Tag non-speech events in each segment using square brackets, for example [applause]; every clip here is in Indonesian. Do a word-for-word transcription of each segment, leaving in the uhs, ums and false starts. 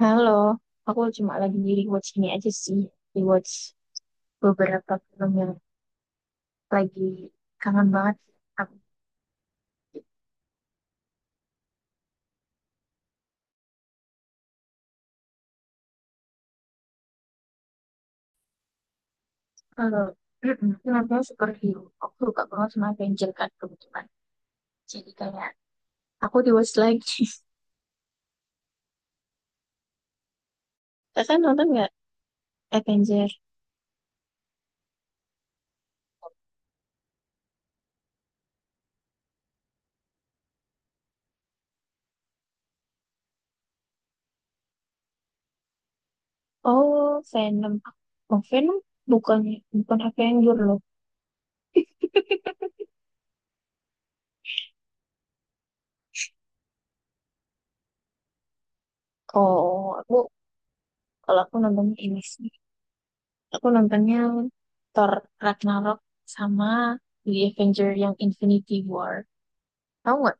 Halo, aku cuma lagi di rewatch ini aja sih, rewatch beberapa film yang lagi kangen banget. Aku kalau mm-mm, filmnya [clears throat] superhero, aku suka banget sama Avenger kan kebetulan. Jadi kayak aku rewatch lagi. [laughs] Kakak nonton nggak Avenger? Oh, Venom. Oh, Venom bukan bukan Avenger loh. [laughs] Oh, aku kalau aku nonton ini sih. Aku nontonnya Thor Ragnarok sama The Avenger yang Infinity War. Tahu nggak?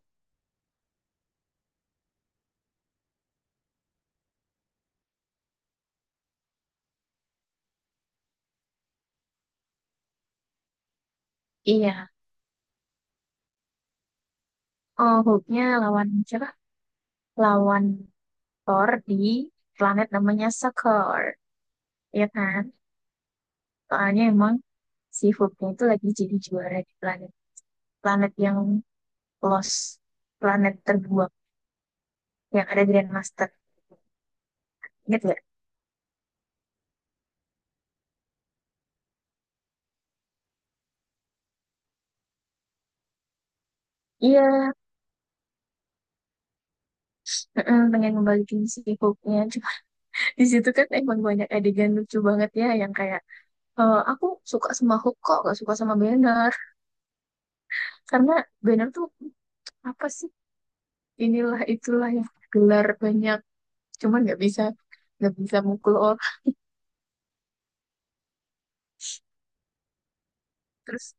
Iya. Oh, Hulk-nya lawan siapa? Lawan Thor di planet namanya Sakor. Ya kan? Soalnya emang si Hulk-nya itu lagi jadi juara di planet. Planet yang lost. Planet terbuang. Yang ada Grandmaster. Ingat nggak? Iya, mm pengen ngembalikin si Hulk-nya. Cuma [laughs] di situ kan emang banyak adegan lucu banget ya. Yang kayak Eh, aku suka sama hook kok, gak suka sama banner. Karena banner tuh apa sih? Inilah itulah yang gelar banyak. Cuman nggak bisa, nggak bisa mukul orang. Terus,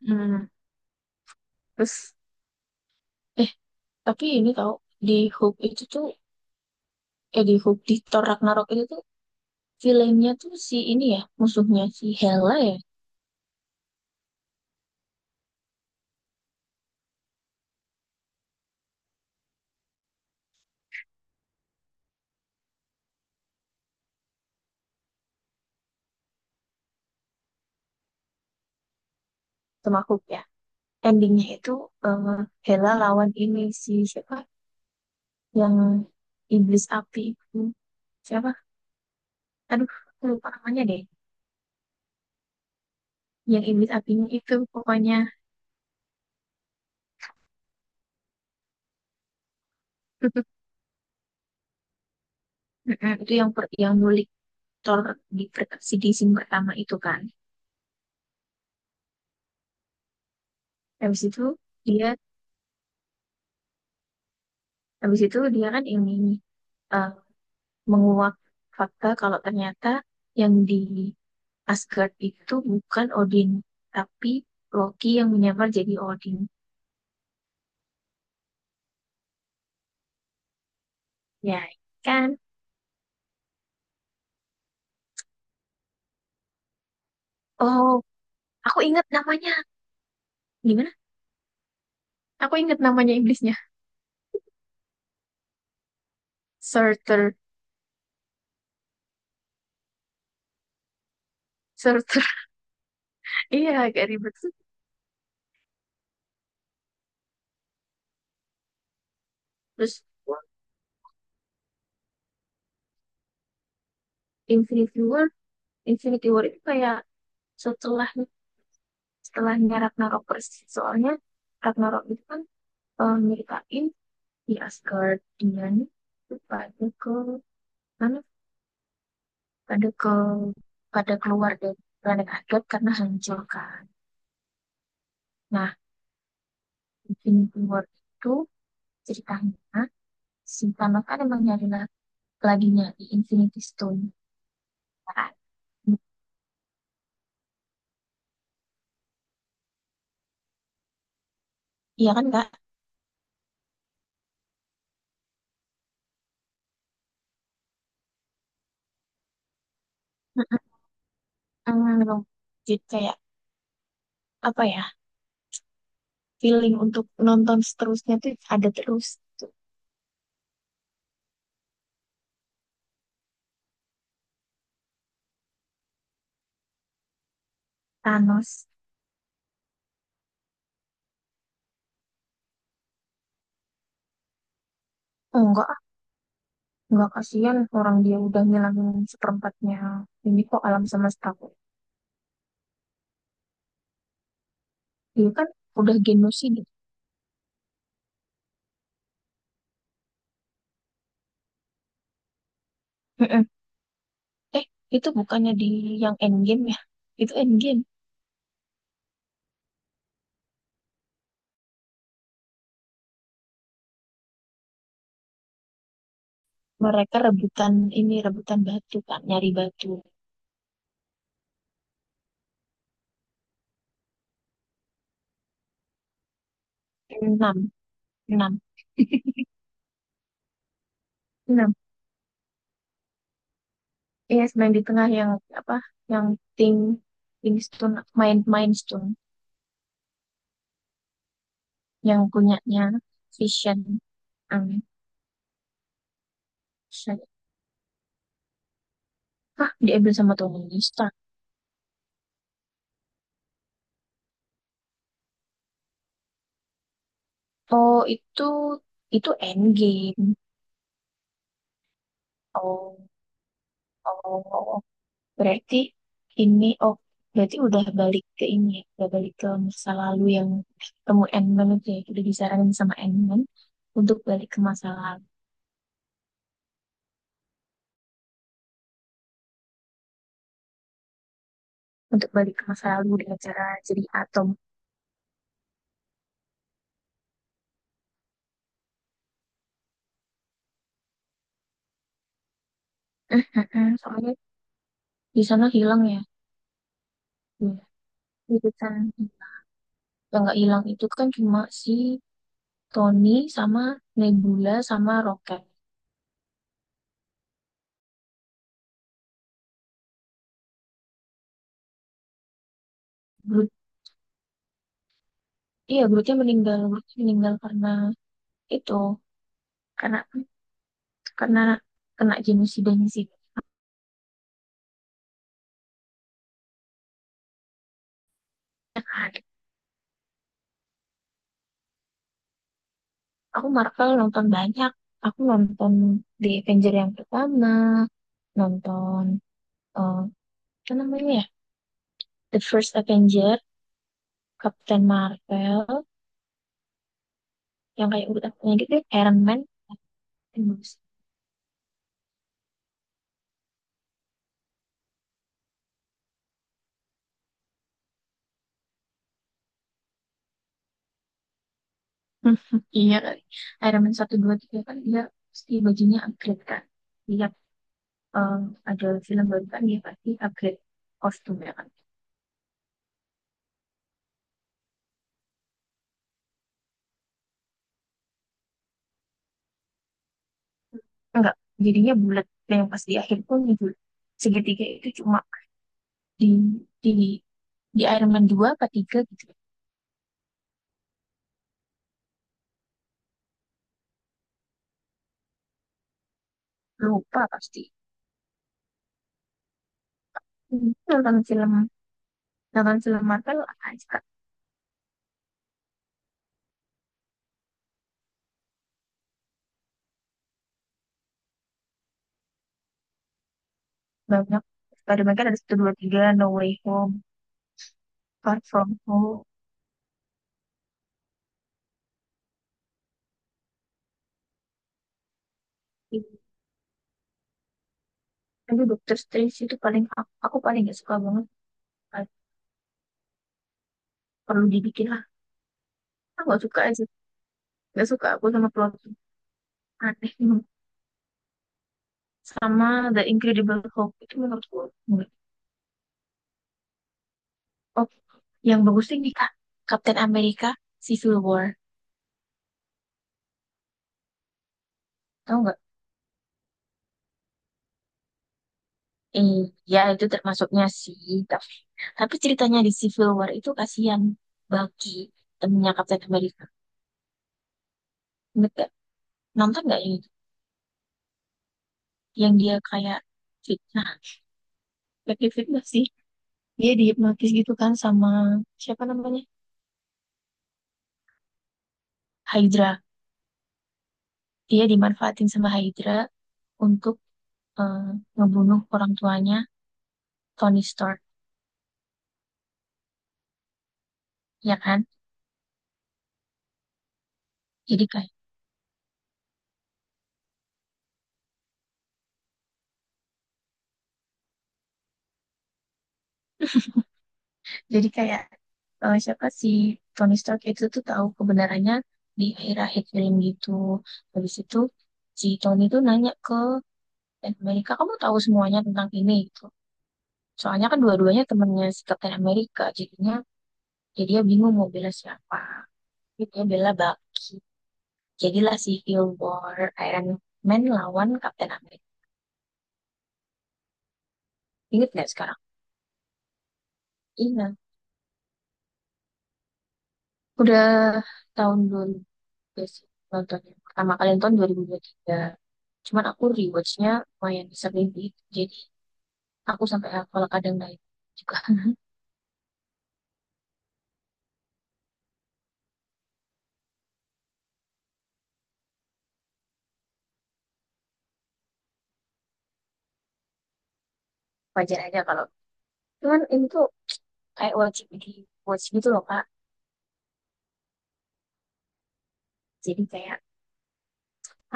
mm, terus, eh tapi ini tau di hook itu tuh, eh di hook di Thor Ragnarok itu tuh villainnya tuh si ini ya, musuhnya si Hela ya, sama hook ya. Endingnya itu eh, Hela lawan ini si siapa? Yang iblis api itu siapa? Aduh, aku lupa namanya deh. Yang iblis apinya itu pokoknya. [laughs] Mm-mm, itu yang per, yang nyulik Thor di, per- si di scene pertama itu kan habis itu dia habis itu dia kan ini eh, menguak fakta kalau ternyata yang di Asgard itu bukan Odin tapi Loki yang menyamar jadi Odin, ya kan? Oh, aku ingat namanya gimana aku ingat namanya iblisnya. Surtur Surtur [laughs] Iya, agak ribet. Terus, Infinity War Infinity War itu kayak setelah setelahnya Ragnarok persis. Soalnya Ragnarok itu kan eh, nyeritain di Asgard dia nih tuh pada ke mana pada ke pada keluar dari planet Asgard karena hancur kan. Nah, Infinity War itu ceritanya si Thanos kan emang nyari la- lagi nyari Infinity Stone kan. Iya kan Kak? Mm, Jadi kayak apa ya, feeling untuk nonton seterusnya tuh ada terus. Thanos. Enggak, ah, enggak kasihan orang dia udah ngilangin seperempatnya ini kok alam semesta kok. Dia kan udah genosida. Mm-mm. Eh, itu bukannya di yang Endgame ya? Itu Endgame. Mereka rebutan ini, rebutan batu kan, nyari batu. Enam, enam, enam. Iya, yes, main di tengah yang apa? Yang Thing, Thing Stone, main main Stone, yang punyanya Vision. Amin. Hah, diambil sama Tony Stark. Oh, itu itu endgame. Oh, oh, berarti ini oh berarti udah balik ke ini ya, udah balik ke masa lalu yang ketemu Endman itu ya, udah disaranin sama Endman untuk balik ke masa lalu, untuk balik ke masa lalu dengan cara jadi atom. Eh, eh, eh, Soalnya di sana hilang ya, iya, itu kan yang nggak hilang itu kan cuma si Tony sama Nebula sama Rocket. Groot, iya Grootnya meninggal, Grootnya meninggal karena itu karena karena kena genosida sih kan. Aku Marvel nonton banyak. Aku nonton The Avenger yang pertama, nonton eh apa namanya ya? The First Avenger, Captain Marvel, yang kayak urutannya gitu, ya, Iron Man, dan bagus. [laughs] Iya kali. Iron Man satu dua tiga kan dia pasti bajunya upgrade kan. Dia eh, ada film baru kan dia pasti upgrade kostumnya kan. Enggak, jadinya bulat. Dan yang pas di akhir pun bulat. Segitiga itu cuma di di di Iron Man dua apa tiga gitu, lupa pasti. Hmm, nonton film nonton film Marvel aja banyak. Spider-Man kan ada satu dua tiga No Way Home, Far From Home. Tapi Doctor Strange itu paling, aku, aku paling gak suka banget, perlu dibikin lah. Aku gak suka aja, gak suka aku sama plot aneh sama The Incredible Hulk itu, menurutku. Oh, yang bagusnya ini Kak, Captain America Civil War, tau. Iya, itu termasuknya sih. Tapi, tapi ceritanya di Civil War itu kasihan Bucky, temennya Captain America. Ingat nggak? Nonton nggak yang itu? Yang dia kayak fitnah. Pakai fitnah sih. Dia dihipnotis gitu kan sama siapa namanya? Hydra. Dia dimanfaatin sama Hydra untuk eh, ngebunuh orang tuanya Tony Stark, ya kan? Jadi kayak Jadi kayak eh, siapa si Tony Stark itu tuh tahu kebenarannya di akhir-akhir film gitu. Habis itu si Tony tuh nanya ke Captain America, kamu tahu semuanya tentang ini gitu. Soalnya kan dua-duanya temennya si Captain America, jadinya jadi dia bingung mau bela siapa. Jadi dia bela Bucky. Jadilah Civil War Iron Man lawan Captain America. Ingat nggak sekarang? Ingat. Udah tahun dua ribuan juga sih, nonton yang pertama kali nonton dua ribu dua puluh tiga. Cuman aku rewatchnya lumayan sering gitu. Jadi aku sampai hafal kadang naik juga. [laughs] Wajar aja kalau. Cuman ini tuh kayak wajib di watch gitu loh Kak. Jadi kayak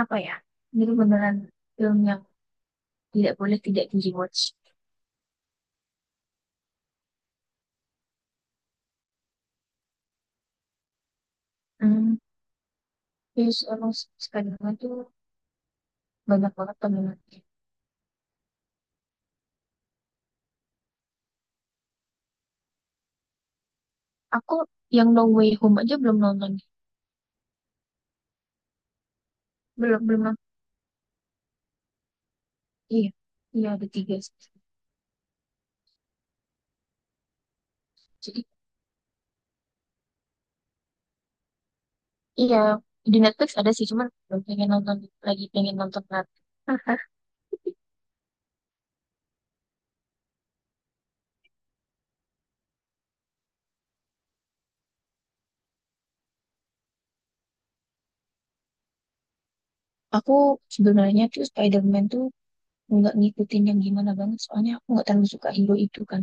apa ya? Ini tuh beneran film yang tidak boleh tidak di rewatch. Hmm, Terus emang sekarang tuh banyak banget peminatnya. Aku yang No Way Home aja belum nonton. Belum belum nonton. Iya, iya ada tiga sih. Jadi iya, di Netflix ada sih, cuman belum pengen nonton, lagi pengen nonton lagi. [laughs] Aku sebenarnya tuh Spider-Man tuh nggak ngikutin yang gimana banget, soalnya aku nggak terlalu suka hero itu kan.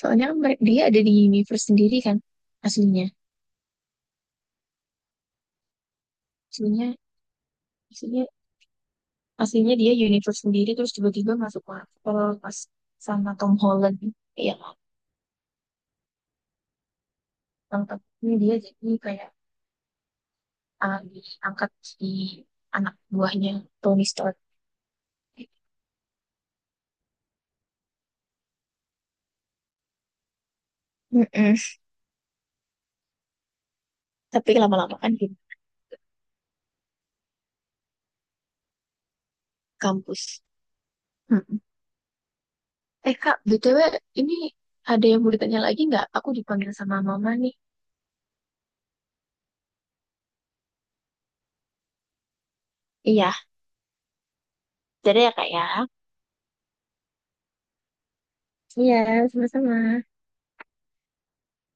Soalnya mere- dia ada di universe sendiri kan, aslinya. Aslinya, aslinya, aslinya dia universe sendiri, terus tiba-tiba masuk Marvel pas sama Tom Holland. Iya, Tom Holland dia jadi kayak ah, diangkat di anak buahnya Tony Stark. Mm-mm. Tapi lama-lama kan kampus. Mm-mm. Eh Kak, B T W ini ada yang mau ditanya lagi nggak? Aku dipanggil sama mama nih. Iya, jadi ya kak ya. Iya, sama-sama.